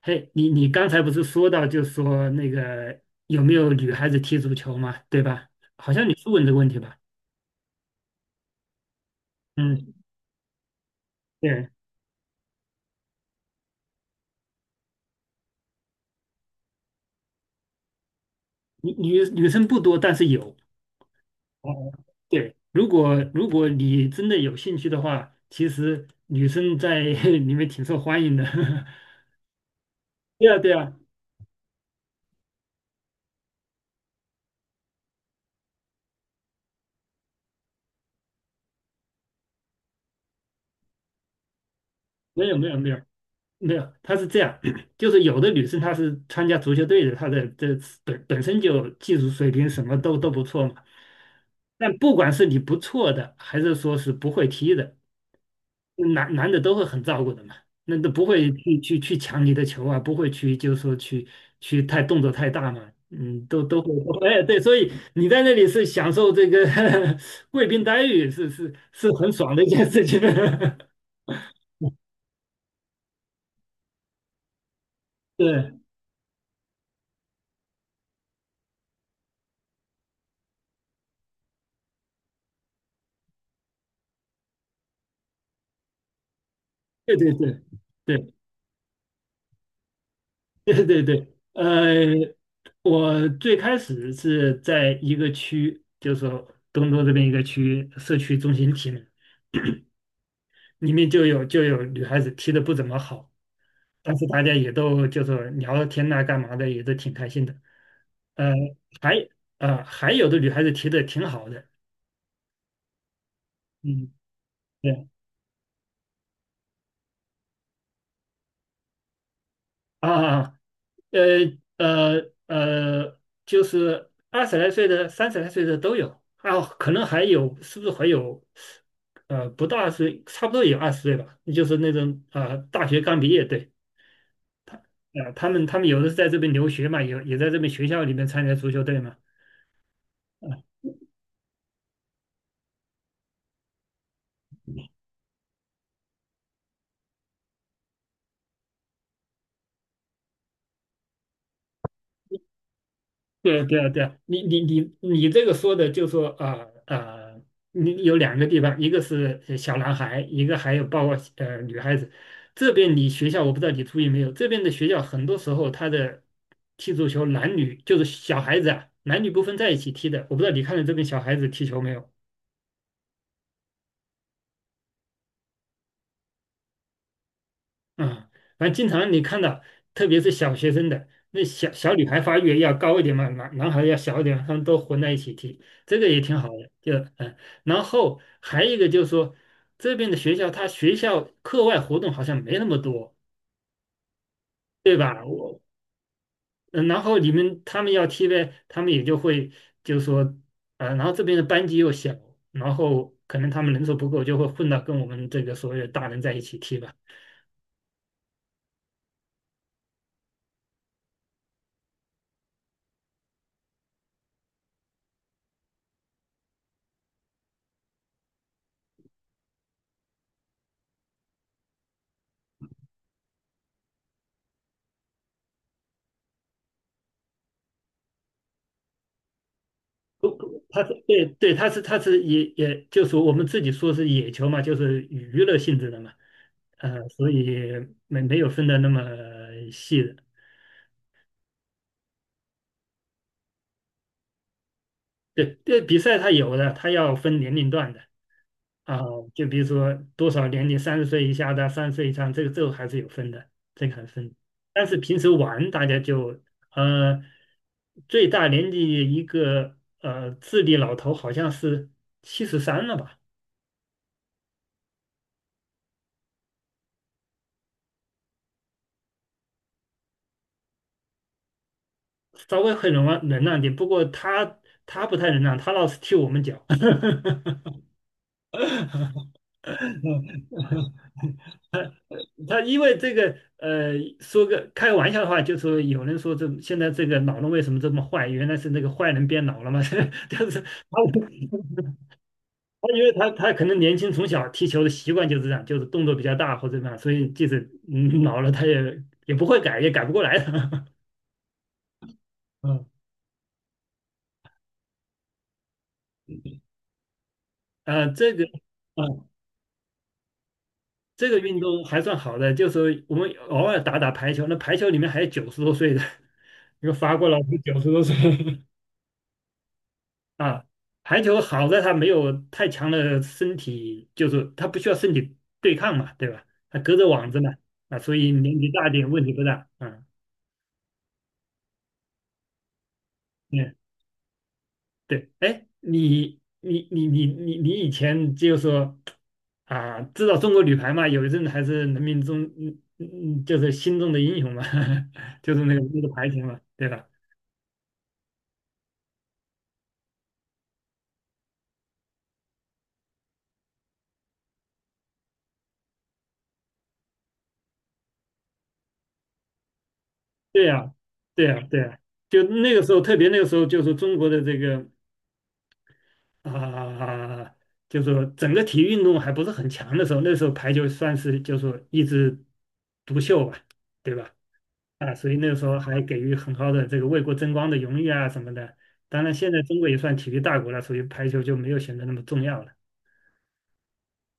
嘿，你刚才不是说到，就说那个有没有女孩子踢足球嘛，对吧？好像你是问这个问题吧？嗯，对，女生不多，但是有。哦，对，如果你真的有兴趣的话，其实女生在 里面挺受欢迎的。对呀，对呀，没有没有没有，没有，他是这样，就是有的女生她是参加足球队的，她的这本身就技术水平什么都不错嘛。但不管是你不错的，还是说是不会踢的，男的都会很照顾的嘛。那都不会去抢你的球啊，不会去就是说去太动作太大嘛，嗯，都会，都会 哎，对，所以你在那里是享受这个 贵宾待遇，是很爽的一件事情。对对对对对。对对对，呃，我最开始是在一个区，就是说东都这边一个区社区中心体里，里面就有女孩子踢得不怎么好，但是大家也都就说聊聊天呐、干嘛的，也都挺开心的。呃，还还有的女孩子踢得挺好的，嗯，对啊，呃呃呃，就是20来岁的、30来岁的都有，啊，可能还有，是不是还有？呃，不到20，差不多有20岁吧，就是那种啊、大学刚毕业，对，啊、他们有的是在这边留学嘛，有也在这边学校里面参加足球队嘛，啊。对对对，你这个说的就说你有两个地方，一个是小男孩，一个还有包括女孩子。这边你学校我不知道你注意没有，这边的学校很多时候他的踢足球男女就是小孩子啊，男女不分在一起踢的。我不知道你看到这边小孩子踢球没有？啊，反正经常你看到，特别是小学生的，那小女孩发育要高一点嘛，男孩要小一点，他们都混在一起踢，这个也挺好的。就然后还有一个就是说，这边的学校，他学校课外活动好像没那么多，对吧？我，嗯然后你们他们要踢呗，他们也就会就是说，啊，然后这边的班级又小，然后可能他们人数不够，就会混到跟我们这个所有大人在一起踢吧。不不，它是对对，它是也就是我们自己说是野球嘛，就是娱乐性质的嘛，所以没有分的那么细的。对对，比赛它有的，它要分年龄段的啊，就比如说多少年龄，30岁以下的，30岁以上，这个还是有分的，这个还分。但是平时玩大家就呃，最大年纪一个智力老头好像是73了吧。稍微会忍让忍让点，不过他不太忍让，他老是踢我们脚。他他因为这个说个开玩笑的话，就说有人说这现在这个老人为什么这么坏？原来是那个坏人变老了嘛，就是他他因为他可能年轻从小踢球的习惯就是这样，就是动作比较大或者怎么样，所以即使老了他也不会改，也改不过来的。嗯，啊、这个啊。这个运动还算好的，就是我们偶尔打打排球，那排球里面还有九十多岁的，一个法国老头九十多岁 啊。排球好在他没有太强的身体，就是他不需要身体对抗嘛，对吧？他隔着网子嘛，啊，所以年纪大一点问题不大，啊嗯。对，哎，你以前就说啊，知道中国女排嘛？有一阵子还是人民中就是心中的英雄嘛，就是那个排球嘛，对吧？对呀，对呀，对呀，就那个时候，特别那个时候，就是中国的这个啊，就是说整个体育运动还不是很强的时候，那时候排球算是就是说一枝独秀吧，对吧？啊，所以那个时候还给予很高的这个为国争光的荣誉啊什么的。当然，现在中国也算体育大国了，所以排球就没有显得那么重要了。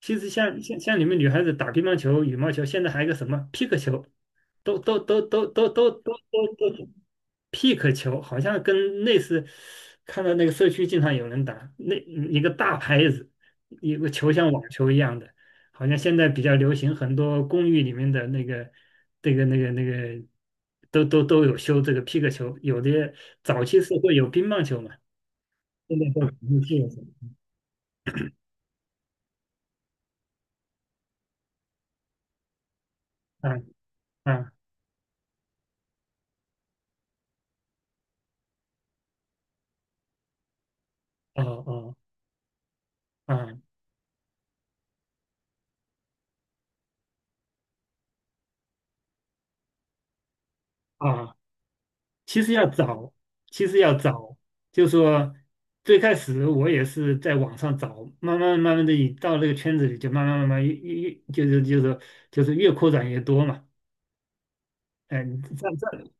其实像你们女孩子打乒乓球、羽毛球，现在还有一个什么皮克球，都皮克球，好像跟类似，看到那个社区经常有人打，那一个大拍子，一个球像网球一样的，好像现在比较流行，很多公寓里面的那个这个那个那个都有修这个皮克球，有的早期是会有乒乓球嘛，现在都有皮克球啊啊哦哦啊啊。其实要找，其实要找，就说最开始我也是在网上找，慢慢的，你到那个圈子里就慢慢越就是越扩展越多嘛。哎，你这样这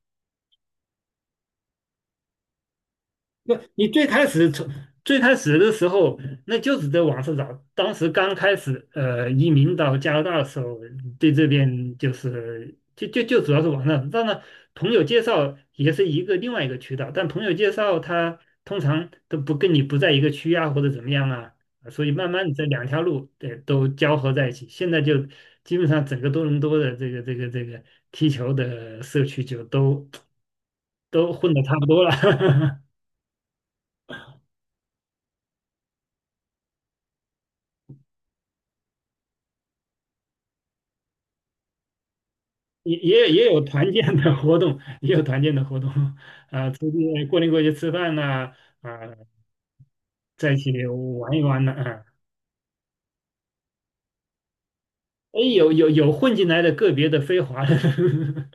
不，你最开始从最开始的时候，那就是在网上找。当时刚开始，移民到加拿大的时候，对这边就是就主要是网上。当然，朋友介绍也是一个另外一个渠道，但朋友介绍他通常都不跟你不在一个区啊，或者怎么样啊，所以慢慢的这两条路对都交合在一起。现在就基本上整个多伦多的这个这个踢球的社区就都混得差不多了。也有团建的活动，也有团建的活动，啊、出去过年过节吃饭呐、啊，在一起玩一玩呐、啊，哎，有混进来的个别的非华的，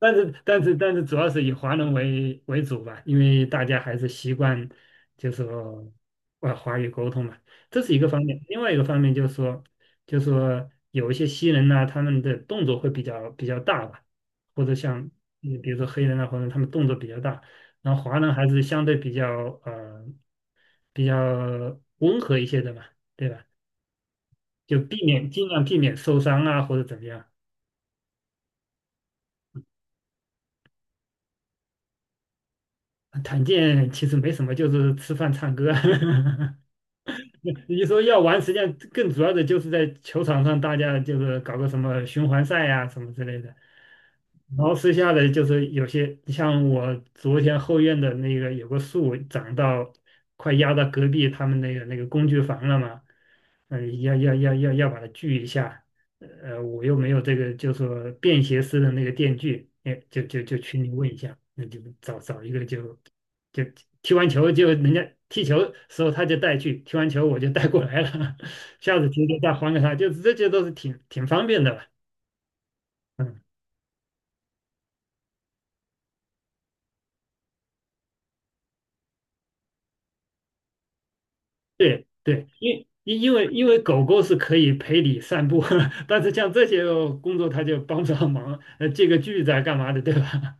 但是主要是以华人为主吧，因为大家还是习惯就是说华语沟通嘛，这是一个方面。另外一个方面就是说，就是说有一些西人呐、他们的动作会比较大吧，或者像比如说黑人啊，或者他们动作比较大，然后华人还是相对呃比较温和一些的嘛，对吧？就避免尽量避免受伤啊或者怎么样。啊团建其实没什么，就是吃饭唱歌。你说要玩，实际上更主要的就是在球场上，大家就是搞个什么循环赛呀、什么之类的。然后剩下的就是有些像我昨天后院的那个有个树长到快压到隔壁他们那个工具房了嘛，嗯、要把它锯一下，我又没有这个就说便携式的那个电锯，哎，就群里问一下，那就找找一个就踢完球就人家踢球时候他就带去，踢完球我就带过来了，下次踢就再还给他，就是这些都是挺方便的了。嗯，对对，因为狗狗是可以陪你散步，但是像这些工作他就帮不上忙，借个锯子啊干嘛的，对吧？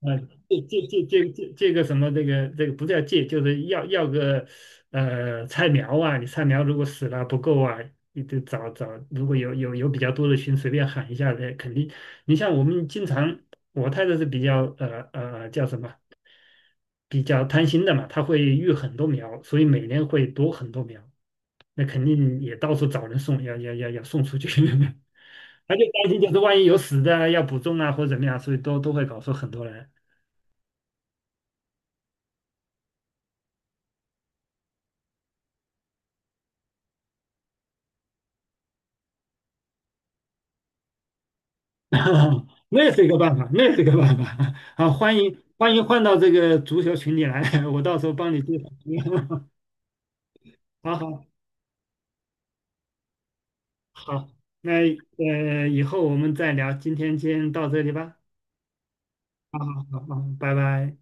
啊，这这个什么，这个不叫借，就是要个菜苗啊，你菜苗如果死了不够啊，你得找找，如果有比较多的群，随便喊一下的，肯定。你像我们经常，我太太是比较叫什么，比较贪心的嘛，她会育很多苗，所以每年会多很多苗，那肯定也到处找人送，要送出去。她就担心，就是万一有死的啊要补种啊，或者怎么样，所以都会搞出很多来。那也是一个办法，那也是一个办法 啊！欢迎欢迎换到这个足球群里来，我到时候帮你介绍。好好好，那以后我们再聊，今天先到这里吧。好好好好，拜拜。